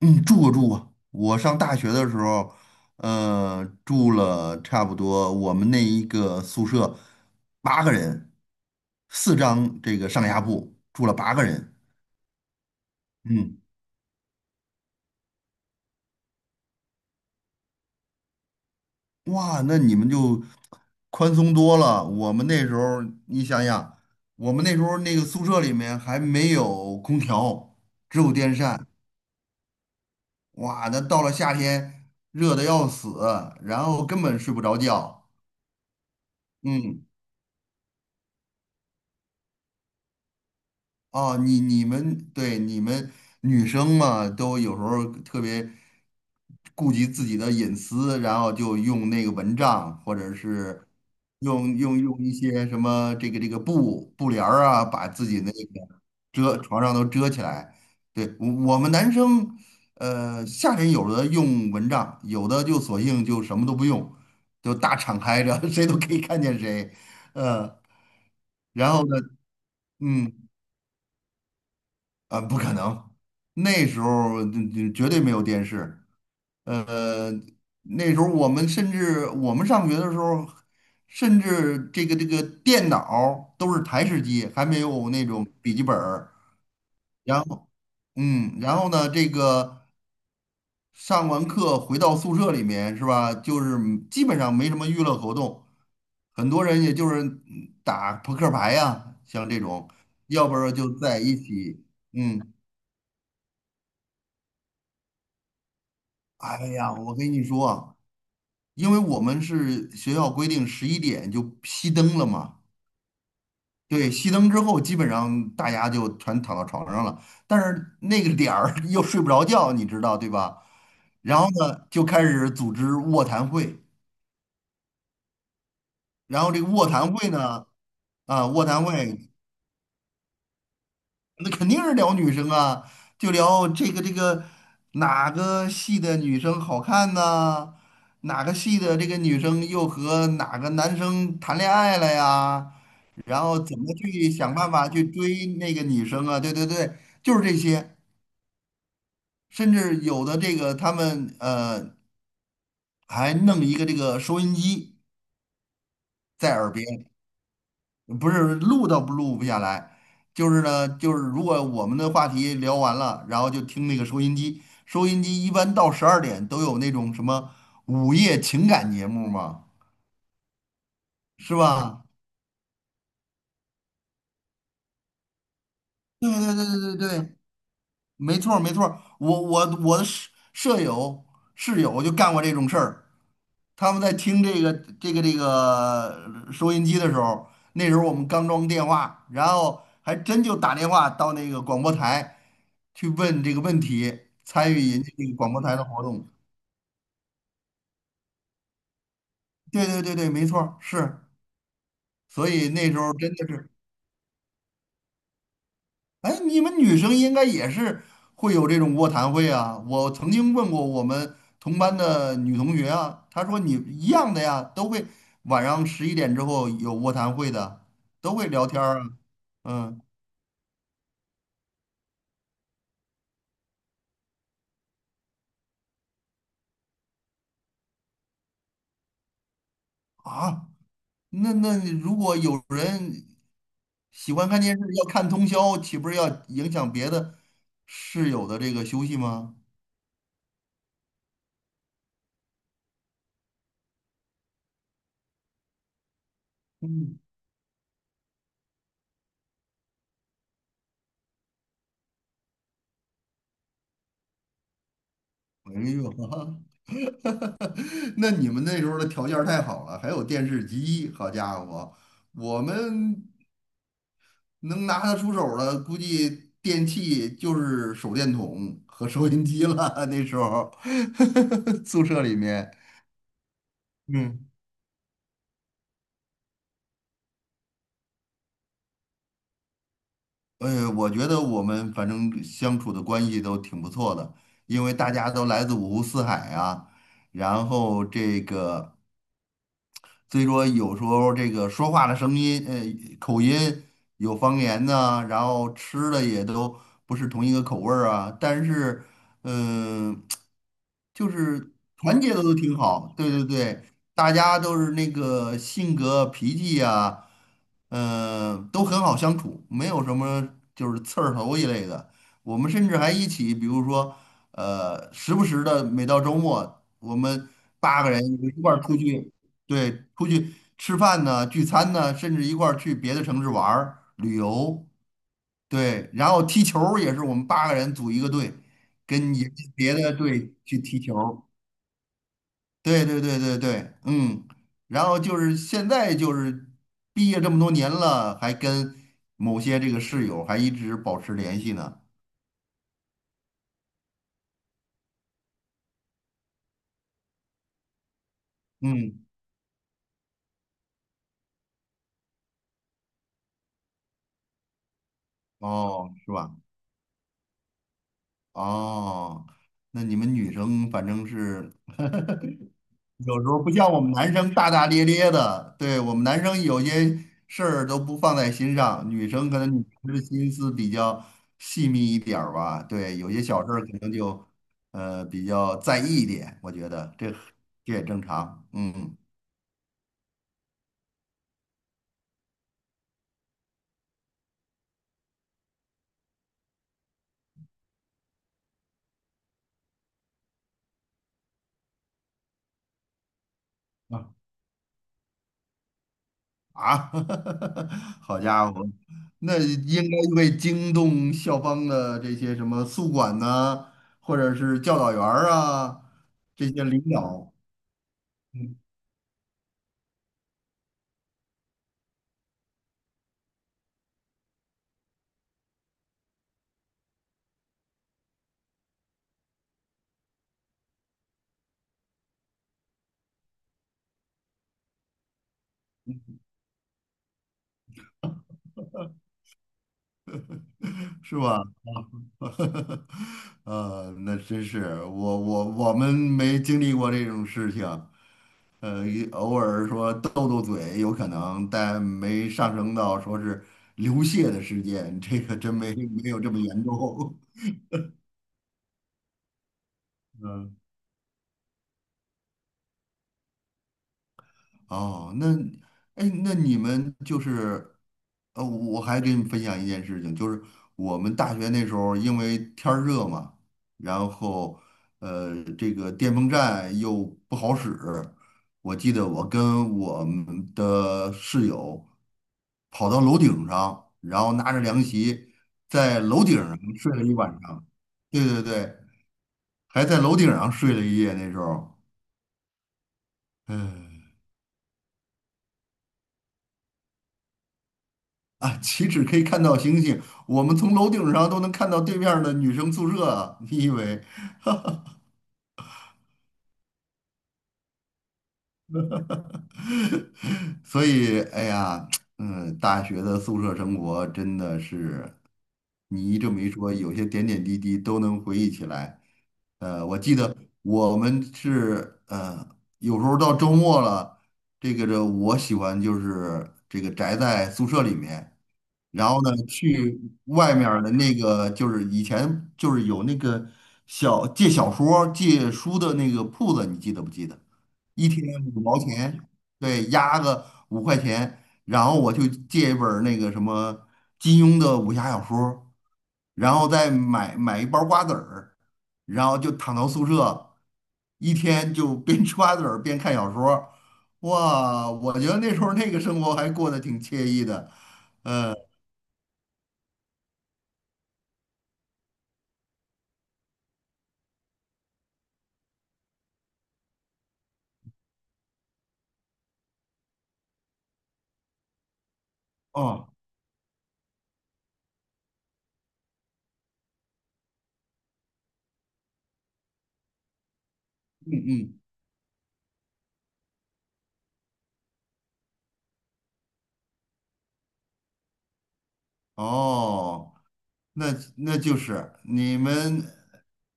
嗯，住过。我上大学的时候，住了差不多我们那一个宿舍八个人，四张这个上下铺，住了八个人。嗯，哇，那你们就宽松多了。我们那时候，你想想，我们那时候那个宿舍里面还没有空调，只有电扇。哇，那到了夏天，热的要死，然后根本睡不着觉。嗯。哦，你们对你们女生嘛，都有时候特别顾及自己的隐私，然后就用那个蚊帐，或者是用一些什么这个布帘儿啊，把自己那个遮床上都遮起来。对，我们男生，夏天有的用蚊帐，有的就索性就什么都不用，就大敞开着，谁都可以看见谁。嗯，然后呢，嗯。啊，不可能，那时候绝对没有电视。呃，那时候我们甚至上学的时候，甚至这个电脑儿都是台式机，还没有那种笔记本儿。然后，嗯，然后呢，这个上完课回到宿舍里面是吧？就是基本上没什么娱乐活动，很多人也就是打扑克牌呀、像这种，要不然就在一起，嗯。哎呀，我跟你说啊，因为我们是学校规定十一点就熄灯了嘛，对，熄灯之后基本上大家就全躺到床上了，但是那个点儿 又睡不着觉，你知道对吧？然后呢，就开始组织卧谈会，然后这个卧谈会呢，啊，卧谈会那肯定是聊女生啊，就聊这个哪个系的女生好看呐、哪个系的这个女生又和哪个男生谈恋爱了呀？然后怎么去想办法去追那个女生啊？对对对，就是这些。甚至有的这个他们还弄一个这个收音机在耳边，不是录都不录不下来，就是呢，就是如果我们的话题聊完了，然后就听那个收音机。收音机一般到十二点都有那种什么午夜情感节目嘛，是吧？对对对对对对，没错儿没错儿。我的舍舍友室友就干过这种事儿。他们在听这个收音机的时候，那时候我们刚装电话，然后还真就打电话到那个广播台去问这个问题，参与人家这个广播台的活动。对对对对，没错儿是。所以那时候真的是，哎，你们女生应该也是会有这种卧谈会啊。我曾经问过我们同班的女同学啊，她说你一样的呀，都会晚上十一点之后有卧谈会的，都会聊天儿啊，嗯。啊，那那如果有人喜欢看电视要看通宵，岂不是要影响别的室友的这个休息吗？嗯，哎呦，那你们那时候的条件儿太好了，还有电视机，好家伙，我们能拿得出手的，估计电器就是手电筒和收音机了。那时候 宿舍里面，嗯。我觉得我们反正相处的关系都挺不错的，因为大家都来自五湖四海啊，然后这个。所以说有时候这个说话的声音，口音有方言呐、然后吃的也都不是同一个口味儿啊。但是，嗯、就是团结的都挺好，对对对，大家都是那个性格脾气呀、嗯、都很好相处，没有什么就是刺儿头一类的。我们甚至还一起，比如说，时不时的每到周末，我们八个人一块儿出去。对，出去吃饭呢、聚餐呢，甚至一块儿去别的城市玩儿、旅游。对，然后踢球儿也是我们八个人组一个队，跟也跟别的队去踢球儿。对对对对对，嗯。然后就是现在就是毕业这么多年了，还跟某些这个室友还一直保持联系呢。嗯，哦，是吧？哦，那你们女生反正是 有时候不像我们男生大大咧咧的，对，我们男生有些事儿都不放在心上，女生可能女生的心思比较细密一点儿吧，对，有些小事儿可能就比较在意一点，我觉得这也正常，嗯啊啊，好家伙，那应该会惊动校方的这些什么宿管呐、或者是教导员儿啊这些领导，是吧？啊，那真是我们没经历过这种事情，也偶尔说斗斗嘴有可能，但没上升到说是流血的事件，这个真没有这么严重。嗯哦，那，哎，那你们就是，我还给你分享一件事情，就是我们大学那时候因为天儿热嘛，然后，这个电风扇又不好使，我记得我跟我们的室友跑到楼顶上，然后拿着凉席在楼顶上睡了一晚上，对对对，还在楼顶上睡了一夜，那时候，唉啊，岂止可以看到星星，我们从楼顶上都能看到对面儿的女生宿舍啊！你以为？所以，哎呀，嗯，大学的宿舍生活真的是。你这么一说，有些点点滴滴都能回忆起来。我记得我们是有时候到周末了，这我喜欢就是这个宅在宿舍里面，然后呢去外面儿的那个就是以前就是有那个小说儿借书的那个铺子，你记得不记得？一天五毛钱，对，押个五块钱，然后我就借一本儿那个什么金庸的武侠小说儿。然后买一包瓜子儿，然后就躺到宿舍，一天就边吃瓜子儿边看小说儿。哇，我觉得那时候那个生活还过得挺惬意的。哦，嗯嗯，哦，那那就是你们，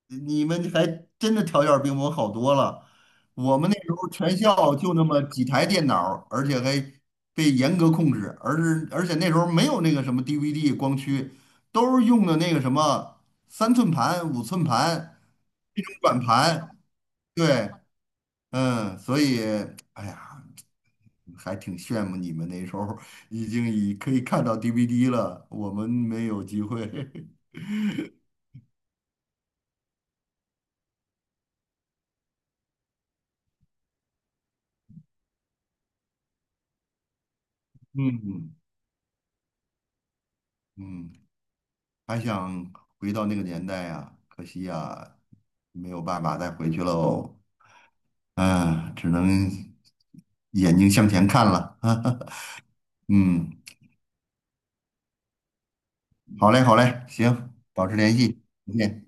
你们还真的条件儿比我们好多了。我们那时候全校就那么几台电脑儿而且还被严格控制，而且那时候没有那个什么 DVD 光驱，都是用的那个什么三寸盘、五寸盘那种软盘。对，嗯，所以哎呀，还挺羡慕你们那时候已经可以看到 DVD 了，我们没有机会。嗯。嗯，还想回到那个年代呀，可惜呀，没有办法再回去喽。啊，只能眼睛向前看了。嗯，好嘞，好嘞，行，保持联系，再见。